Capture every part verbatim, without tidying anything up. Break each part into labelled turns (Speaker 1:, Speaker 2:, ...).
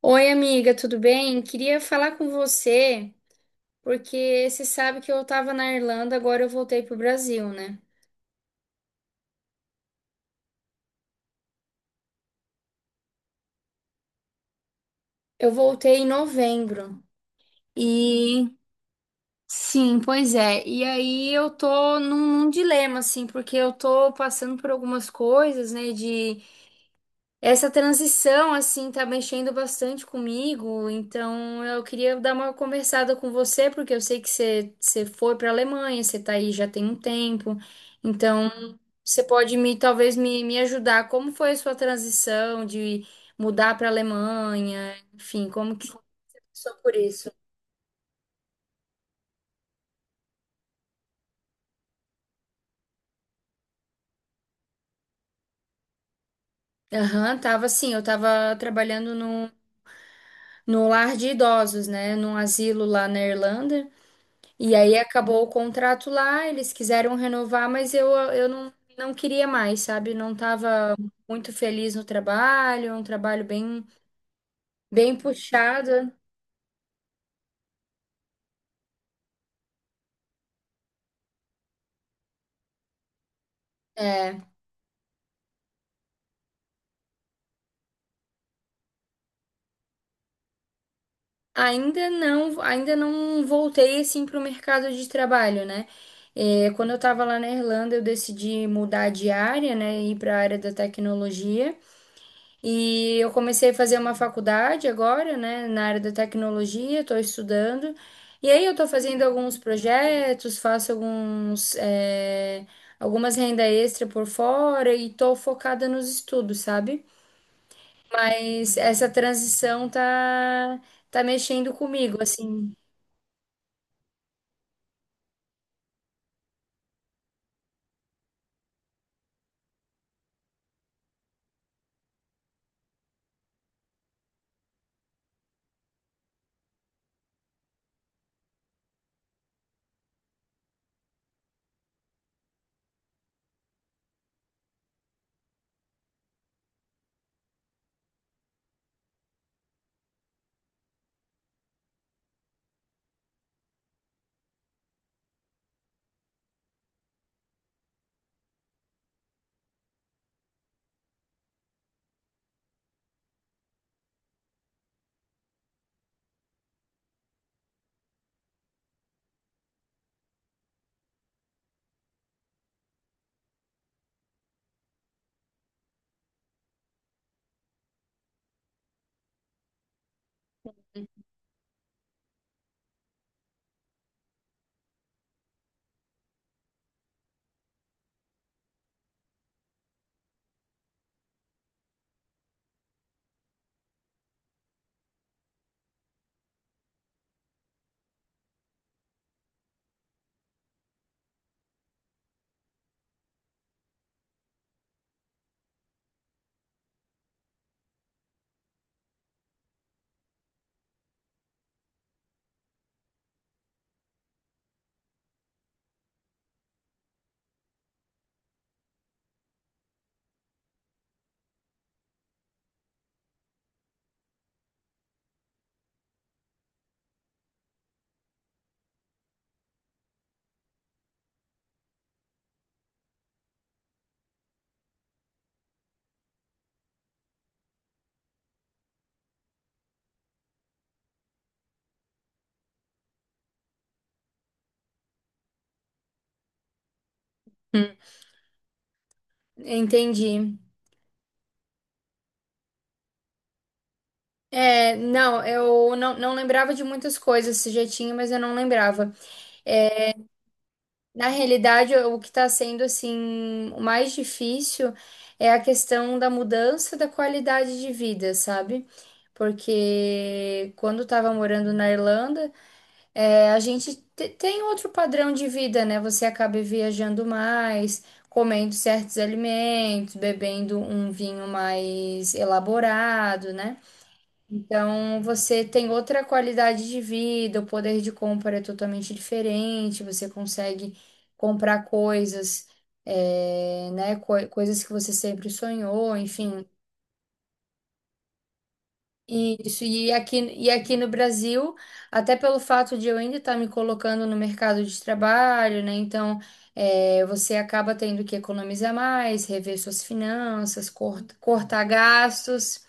Speaker 1: Oi, amiga, tudo bem? Queria falar com você, porque você sabe que eu estava na Irlanda, agora eu voltei pro Brasil, né? Eu voltei em novembro. E sim, pois é. E aí eu tô num, num dilema, assim, porque eu tô passando por algumas coisas, né, de Essa transição, assim, tá mexendo bastante comigo, então eu queria dar uma conversada com você, porque eu sei que você, você foi para a Alemanha, você tá aí já tem um tempo, então você pode me, talvez me, me ajudar. Como foi a sua transição de mudar para a Alemanha? Enfim, como que você passou por isso? Aham, tava assim, eu tava trabalhando no, no lar de idosos, né, num asilo lá na Irlanda. E aí acabou o contrato lá, eles quiseram renovar, mas eu, eu não, não queria mais, sabe? Não estava muito feliz no trabalho, um trabalho bem, bem puxado. É, ainda não, ainda não voltei assim para o mercado de trabalho, né? É, quando eu estava lá na Irlanda, eu decidi mudar de área, né? Ir para a área da tecnologia. E eu comecei a fazer uma faculdade agora, né, na área da tecnologia, estou estudando. E aí eu estou fazendo alguns projetos, faço alguns, eh, algumas renda extra por fora e estou focada nos estudos, sabe? Mas essa transição tá, tá mexendo comigo, assim. Hum. Entendi. É, não, eu não, não lembrava de muitas coisas, se já tinha, mas eu não lembrava. Na realidade, o que está sendo assim o mais difícil é a questão da mudança da qualidade de vida, sabe? Porque quando estava morando na Irlanda, é, a gente te- tem outro padrão de vida, né? Você acaba viajando mais, comendo certos alimentos, bebendo um vinho mais elaborado, né? Então, você tem outra qualidade de vida, o poder de compra é totalmente diferente, você consegue comprar coisas, eh, né, coi- coisas que você sempre sonhou, enfim. Isso, e aqui, e aqui no Brasil, até pelo fato de eu ainda estar me colocando no mercado de trabalho, né? Então, eh, você acaba tendo que economizar mais, rever suas finanças, cort- cortar gastos.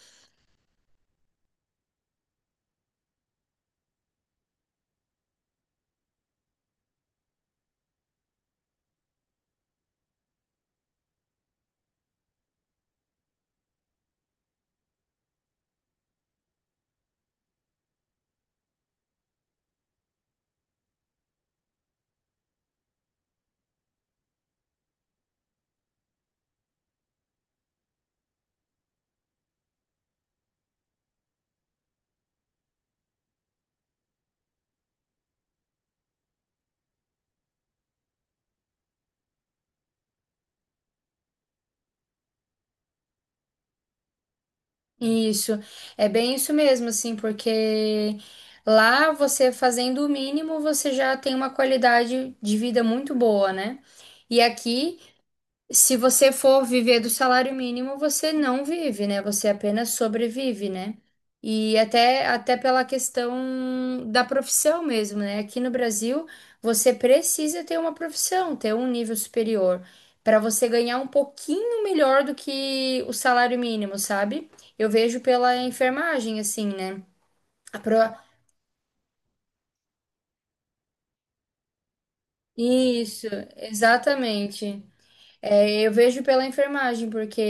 Speaker 1: Isso, é bem isso mesmo, assim, porque lá você fazendo o mínimo, você já tem uma qualidade de vida muito boa, né? E aqui se você for viver do salário mínimo, você não vive, né? Você apenas sobrevive, né? E até, até pela questão da profissão mesmo, né? Aqui no Brasil, você precisa ter uma profissão, ter um nível superior, para você ganhar um pouquinho melhor do que o salário mínimo, sabe? Eu vejo pela enfermagem, assim, né? A pro- Isso, exatamente. É, eu vejo pela enfermagem, porque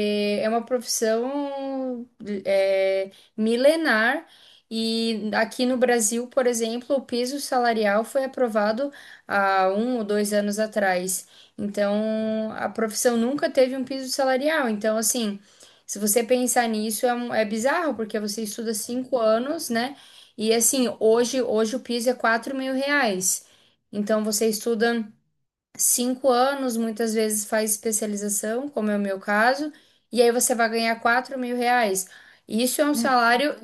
Speaker 1: é uma profissão é, milenar e aqui no Brasil, por exemplo, o piso salarial foi aprovado há um ou dois anos atrás. Então, a profissão nunca teve um piso salarial. Então, assim, se você pensar nisso, é, um- é bizarro, porque você estuda cinco anos, né? E assim, hoje, hoje o piso é quatro mil reais. Então, você estuda cinco anos, muitas vezes faz especialização, como é o meu caso, e aí você vai ganhar quatro mil reais. Isso é um salário,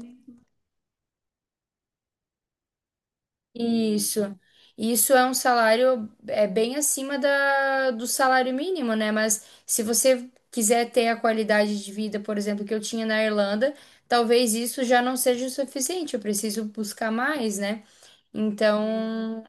Speaker 1: isso, isso é um salário é bem acima da, do salário mínimo, né? Mas se você quiser ter a qualidade de vida, por exemplo, que eu tinha na Irlanda, talvez isso já não seja o suficiente, eu preciso buscar mais, né? Então,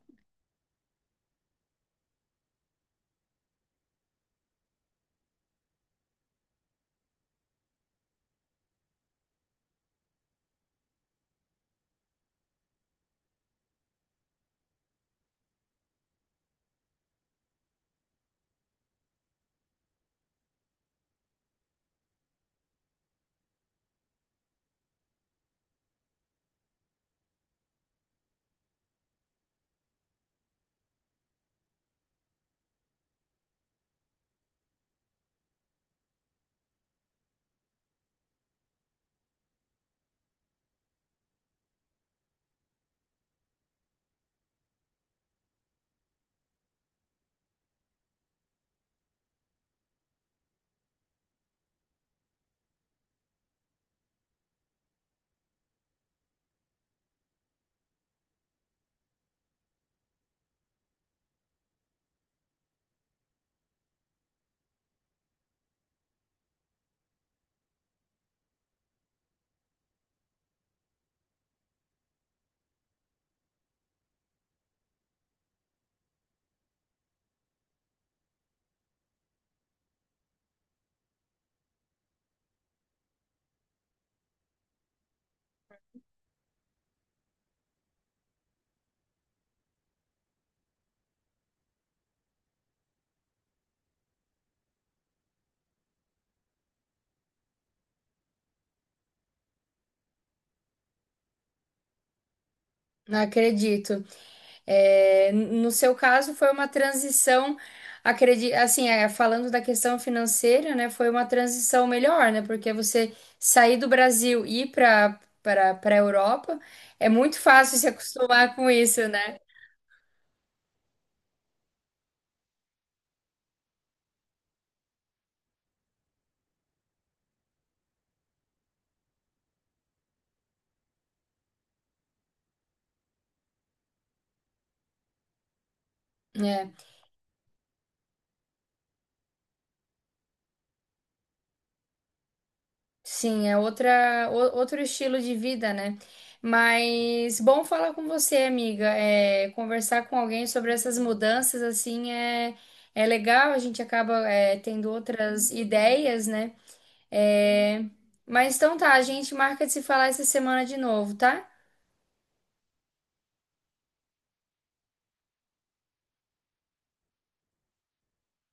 Speaker 1: acredito. É, no seu caso, foi uma transição, acredito, assim, é, falando da questão financeira, né, foi uma transição melhor, né, porque você sair do Brasil e ir para para para a Europa é muito fácil se acostumar com isso, né? É, sim, é outra o- outro estilo de vida, né? Mas bom falar com você, amiga. É, conversar com alguém sobre essas mudanças assim é é legal. A gente acaba é, tendo outras ideias, né? É, mas então tá, a gente marca de se falar essa semana de novo, tá?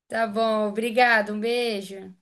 Speaker 1: Tá bom, obrigado, um beijo.